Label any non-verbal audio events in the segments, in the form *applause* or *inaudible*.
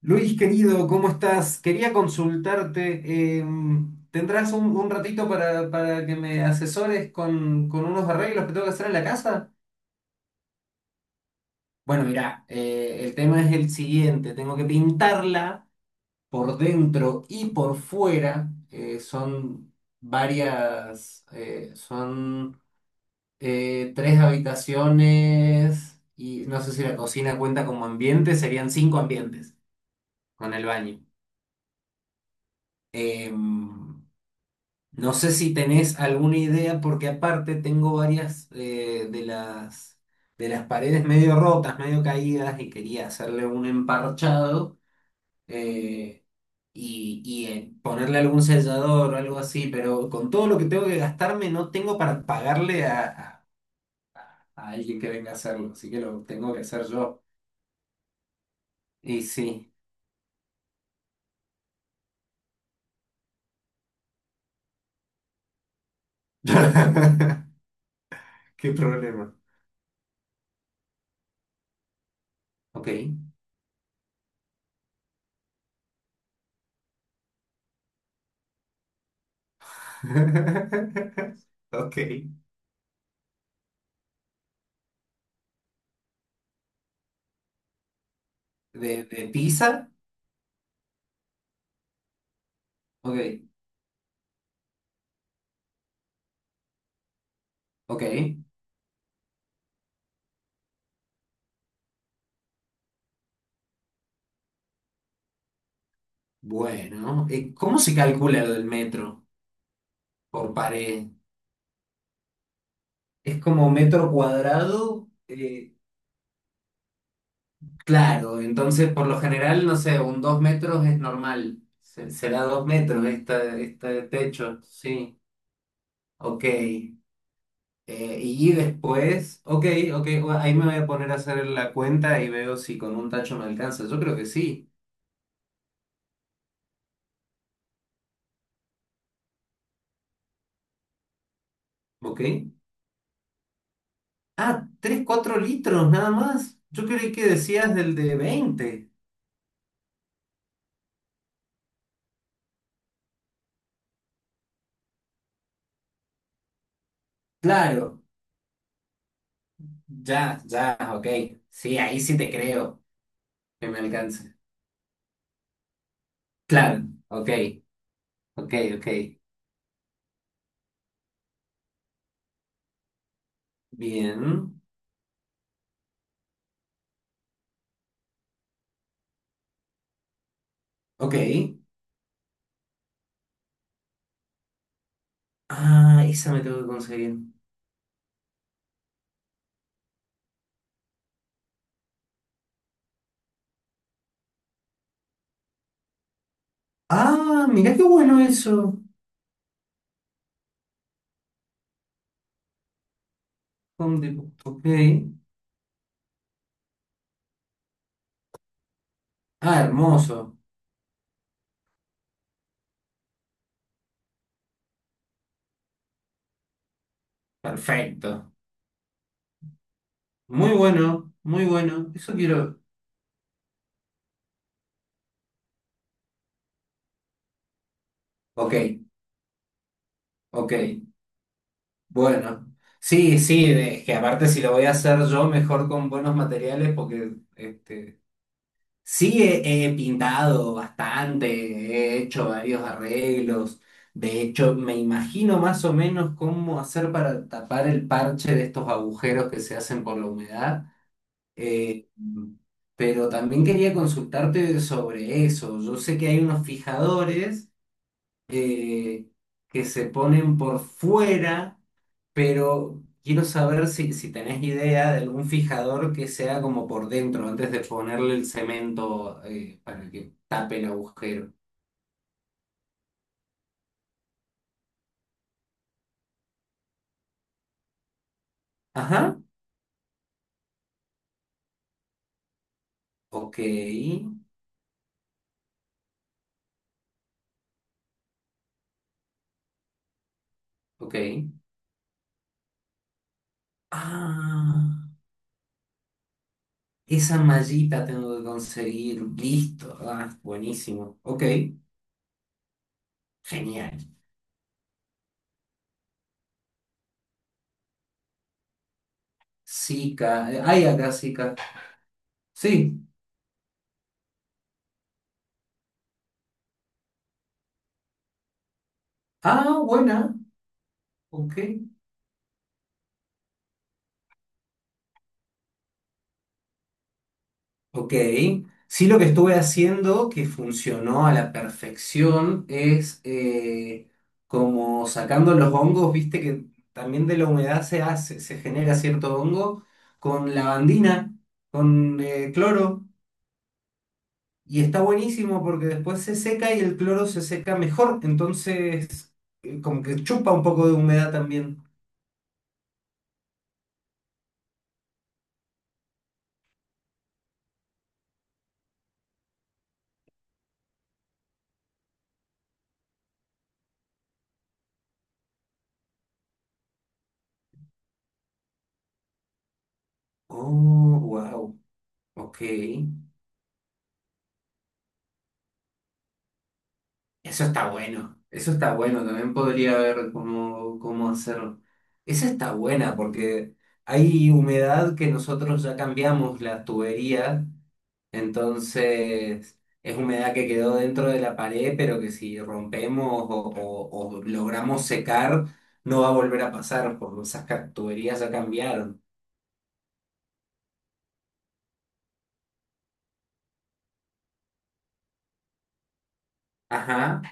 Luis, querido, ¿cómo estás? Quería consultarte. ¿Tendrás un ratito para que me asesores con unos arreglos que tengo que hacer en la casa? Bueno, mirá, el tema es el siguiente. Tengo que pintarla por dentro y por fuera. Son tres habitaciones, y no sé si la cocina cuenta como ambiente. Serían cinco ambientes con el baño. Em, No sé si tenés alguna idea, porque aparte tengo varias de las paredes medio rotas, medio caídas, y quería hacerle un emparchado, eh, y ponerle algún sellador o algo así, pero con todo lo que tengo que gastarme no tengo para pagarle a alguien que venga a hacerlo, así que lo tengo que hacer yo. Y sí. *laughs* Qué problema. Ok. *laughs* Ok. ¿De pizza? Ok. Ok. Bueno, ¿cómo se calcula lo del metro por pared? Es como metro cuadrado. Claro, entonces por lo general, no sé, un 2 metros es normal. Será 2 metros esta, este techo, sí, ok. Y después, ok, ok, bueno, ahí me voy a poner a hacer la cuenta y veo si con un tacho me alcanza, yo creo que sí, ok. Ah, 3 4 litros nada más, yo creí que decías del de 20, claro. Ya, ya, ok. Sí, ahí sí te creo que me alcance. Claro, ok, ok, ok. Bien, ok. Ah, esa me tengo que conseguir. Ah, mira qué bueno eso. Home Depot, ok. Ah, hermoso. Perfecto. Muy bueno, muy bueno. Eso quiero. Ok, ok. Bueno. Sí, sí, es que aparte si lo voy a hacer yo, mejor con buenos materiales, porque este... Sí, he pintado bastante, he hecho varios arreglos. De hecho, me imagino más o menos cómo hacer para tapar el parche de estos agujeros que se hacen por la humedad. Mm. Pero también quería consultarte sobre eso. Yo sé que hay unos fijadores, eh, que se ponen por fuera, pero quiero saber si, si tenés idea de algún fijador que sea como por dentro, antes de ponerle el cemento, para que tape el agujero. Ajá, ok, ok. Ah, esa mallita tengo que conseguir, listo. Ah, buenísimo, ok, genial. Zika, hay acá Zika. Sí, ah, buena, ok. Ok, sí, lo que estuve haciendo que funcionó a la perfección es, como sacando los hongos. Viste que también de la humedad se hace, se genera cierto hongo con lavandina, con cloro, y está buenísimo porque después se seca y el cloro se seca mejor, entonces como que chupa un poco de humedad también. Oh, wow, ok. Eso está bueno, también podría ver cómo, cómo hacerlo. Esa está buena porque hay humedad que nosotros ya cambiamos la tubería, entonces es humedad que quedó dentro de la pared, pero que si rompemos o logramos secar, no va a volver a pasar porque esas tuberías ya cambiaron. Ajá,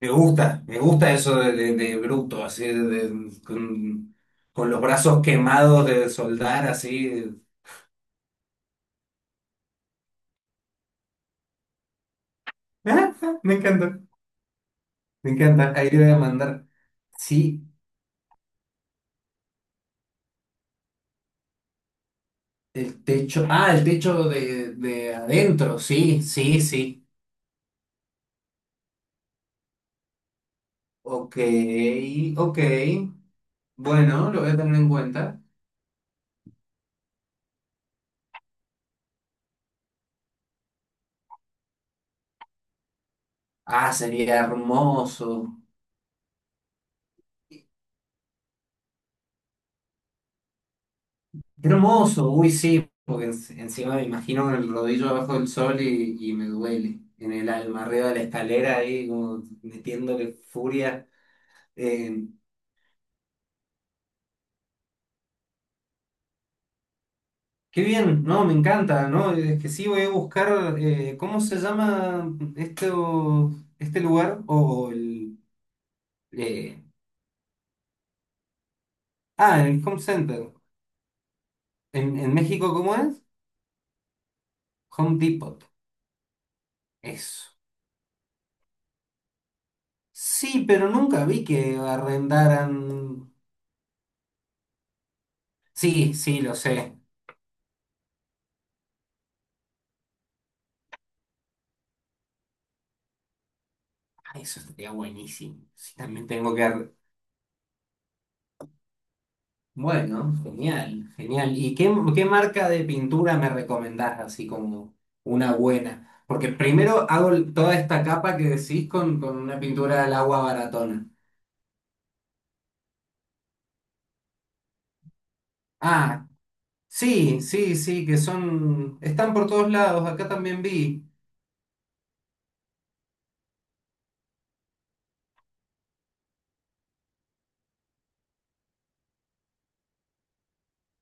me gusta eso de, de bruto, así de, de- con, con los brazos quemados de soldar, así. *laughs* Ah, ah, me encanta, me encanta. Ahí le voy a mandar. Sí, el techo. Ah, el techo de adentro. Sí, sí, sí. Ok, ok. Bueno, lo voy a tener en cuenta. Ah, sería hermoso. Hermoso, uy, sí, porque encima me imagino con el rodillo abajo del sol, y me duele en el alma, arriba de la escalera, ahí como metiéndole furia. eh, Qué bien. No, me encanta, ¿no? Es que sí, voy a buscar, ¿cómo se llama este, este lugar? O el... eh, ah, el Home Center. ¿En México cómo es? Home Depot. Eso. Sí, pero nunca vi que arrendaran... Sí, sí, lo sé. Ah, eso estaría buenísimo. Sí, también tengo que... Bueno, genial, genial. ¿Y qué marca de pintura me recomendás, así como una buena? Porque primero hago toda esta capa que decís con una pintura al agua baratona. Ah, sí, sí, sí, que son, están por todos lados, acá también vi.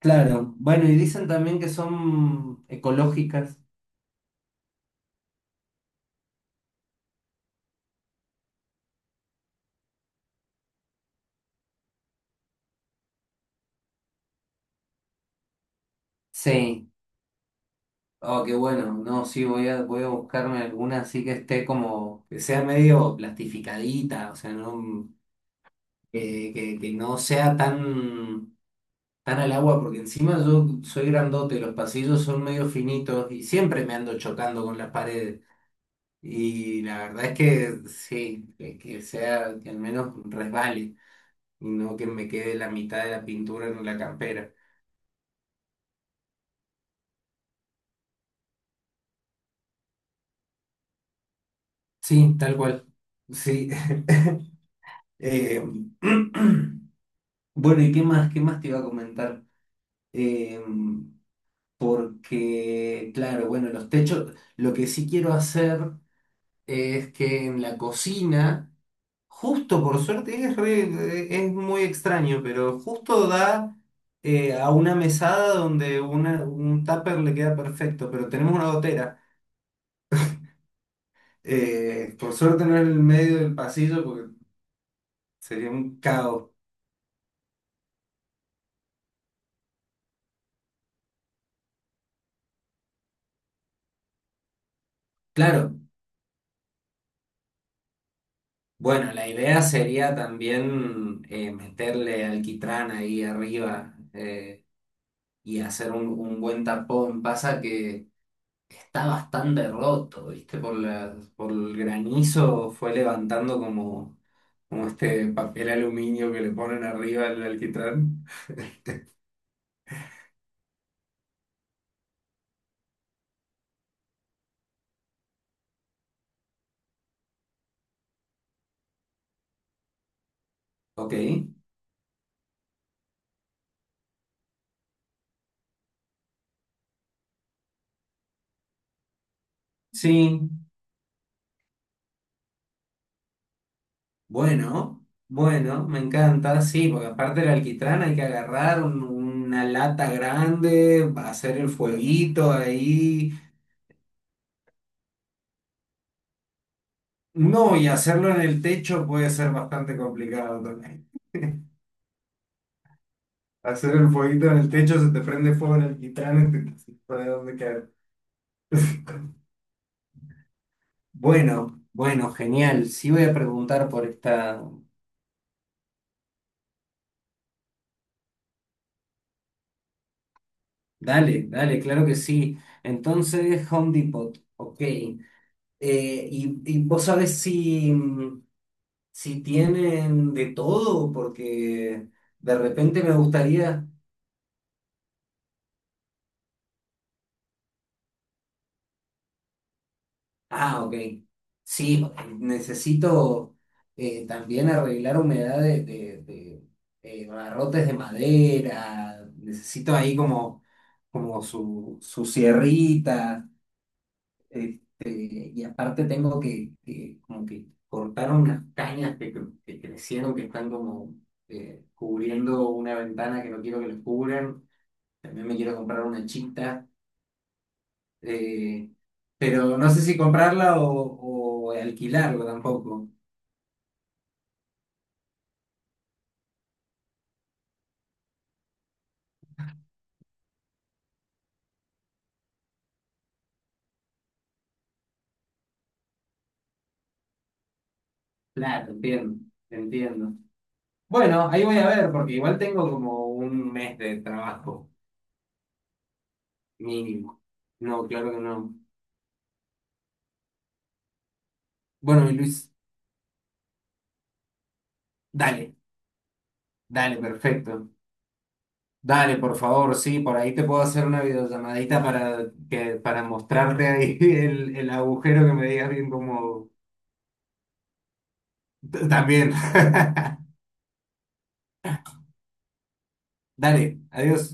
Claro, bueno, y dicen también que son ecológicas. Sí. Oh, qué bueno. No, sí, voy a, voy a buscarme alguna así, que esté como, que sea medio plastificadita, o sea, no. Que no sea tan, tan al agua, porque encima yo soy grandote, los pasillos son medio finitos y siempre me ando chocando con las paredes. Y la verdad es que sí, que sea, que al menos resbale y no que me quede la mitad de la pintura en la campera. Sí, tal cual. Sí. *laughs* Eh, *clears throat* bueno, ¿y qué más? ¿Qué más te iba a comentar? Eh, Porque, claro, bueno, los techos, lo que sí quiero hacer es que en la cocina, justo por suerte, es, es muy extraño, pero justo da, a una mesada donde un tupper le queda perfecto, pero tenemos una gotera. Por suerte no es en el medio del pasillo porque sería un caos. Claro, bueno, la idea sería también meterle alquitrán ahí arriba, y hacer un buen tapón. Pasa que... está bastante roto, ¿viste? Por el granizo fue levantando como este papel aluminio que le ponen arriba al alquitrán. Ok, sí, bueno, bueno, me encanta, sí, porque aparte del alquitrán hay que agarrar una lata grande, hacer el fueguito ahí. No, y hacerlo en el techo puede ser bastante complicado también. Hacer el fueguito en el techo, se te prende fuego el alquitrán, no hay dónde caer. *laughs* Bueno, bueno, genial. Sí, voy a preguntar por esta. Dale, dale, claro que sí. Entonces, Home Depot, ok. Y vos sabés si tienen de todo, porque de repente me gustaría... Ah, ok. Sí, necesito también arreglar humedad de barrotes de madera. Necesito ahí como, como su sierrita. Este, y aparte tengo que como que cortaron unas cañas que crecieron, que están como cubriendo una ventana que no quiero que les cubran. También me quiero comprar una chita, eh, pero no sé si comprarla o alquilarla tampoco. Claro, entiendo, entiendo. Bueno, ahí voy a ver, porque igual tengo como un mes de trabajo mínimo. No, claro que no. Bueno, mi Luis, dale, dale, perfecto. Dale, por favor, sí, por ahí te puedo hacer una videollamadita para mostrarte ahí *laughs* el agujero que me digas bien como... También. *laughs* Dale, adiós.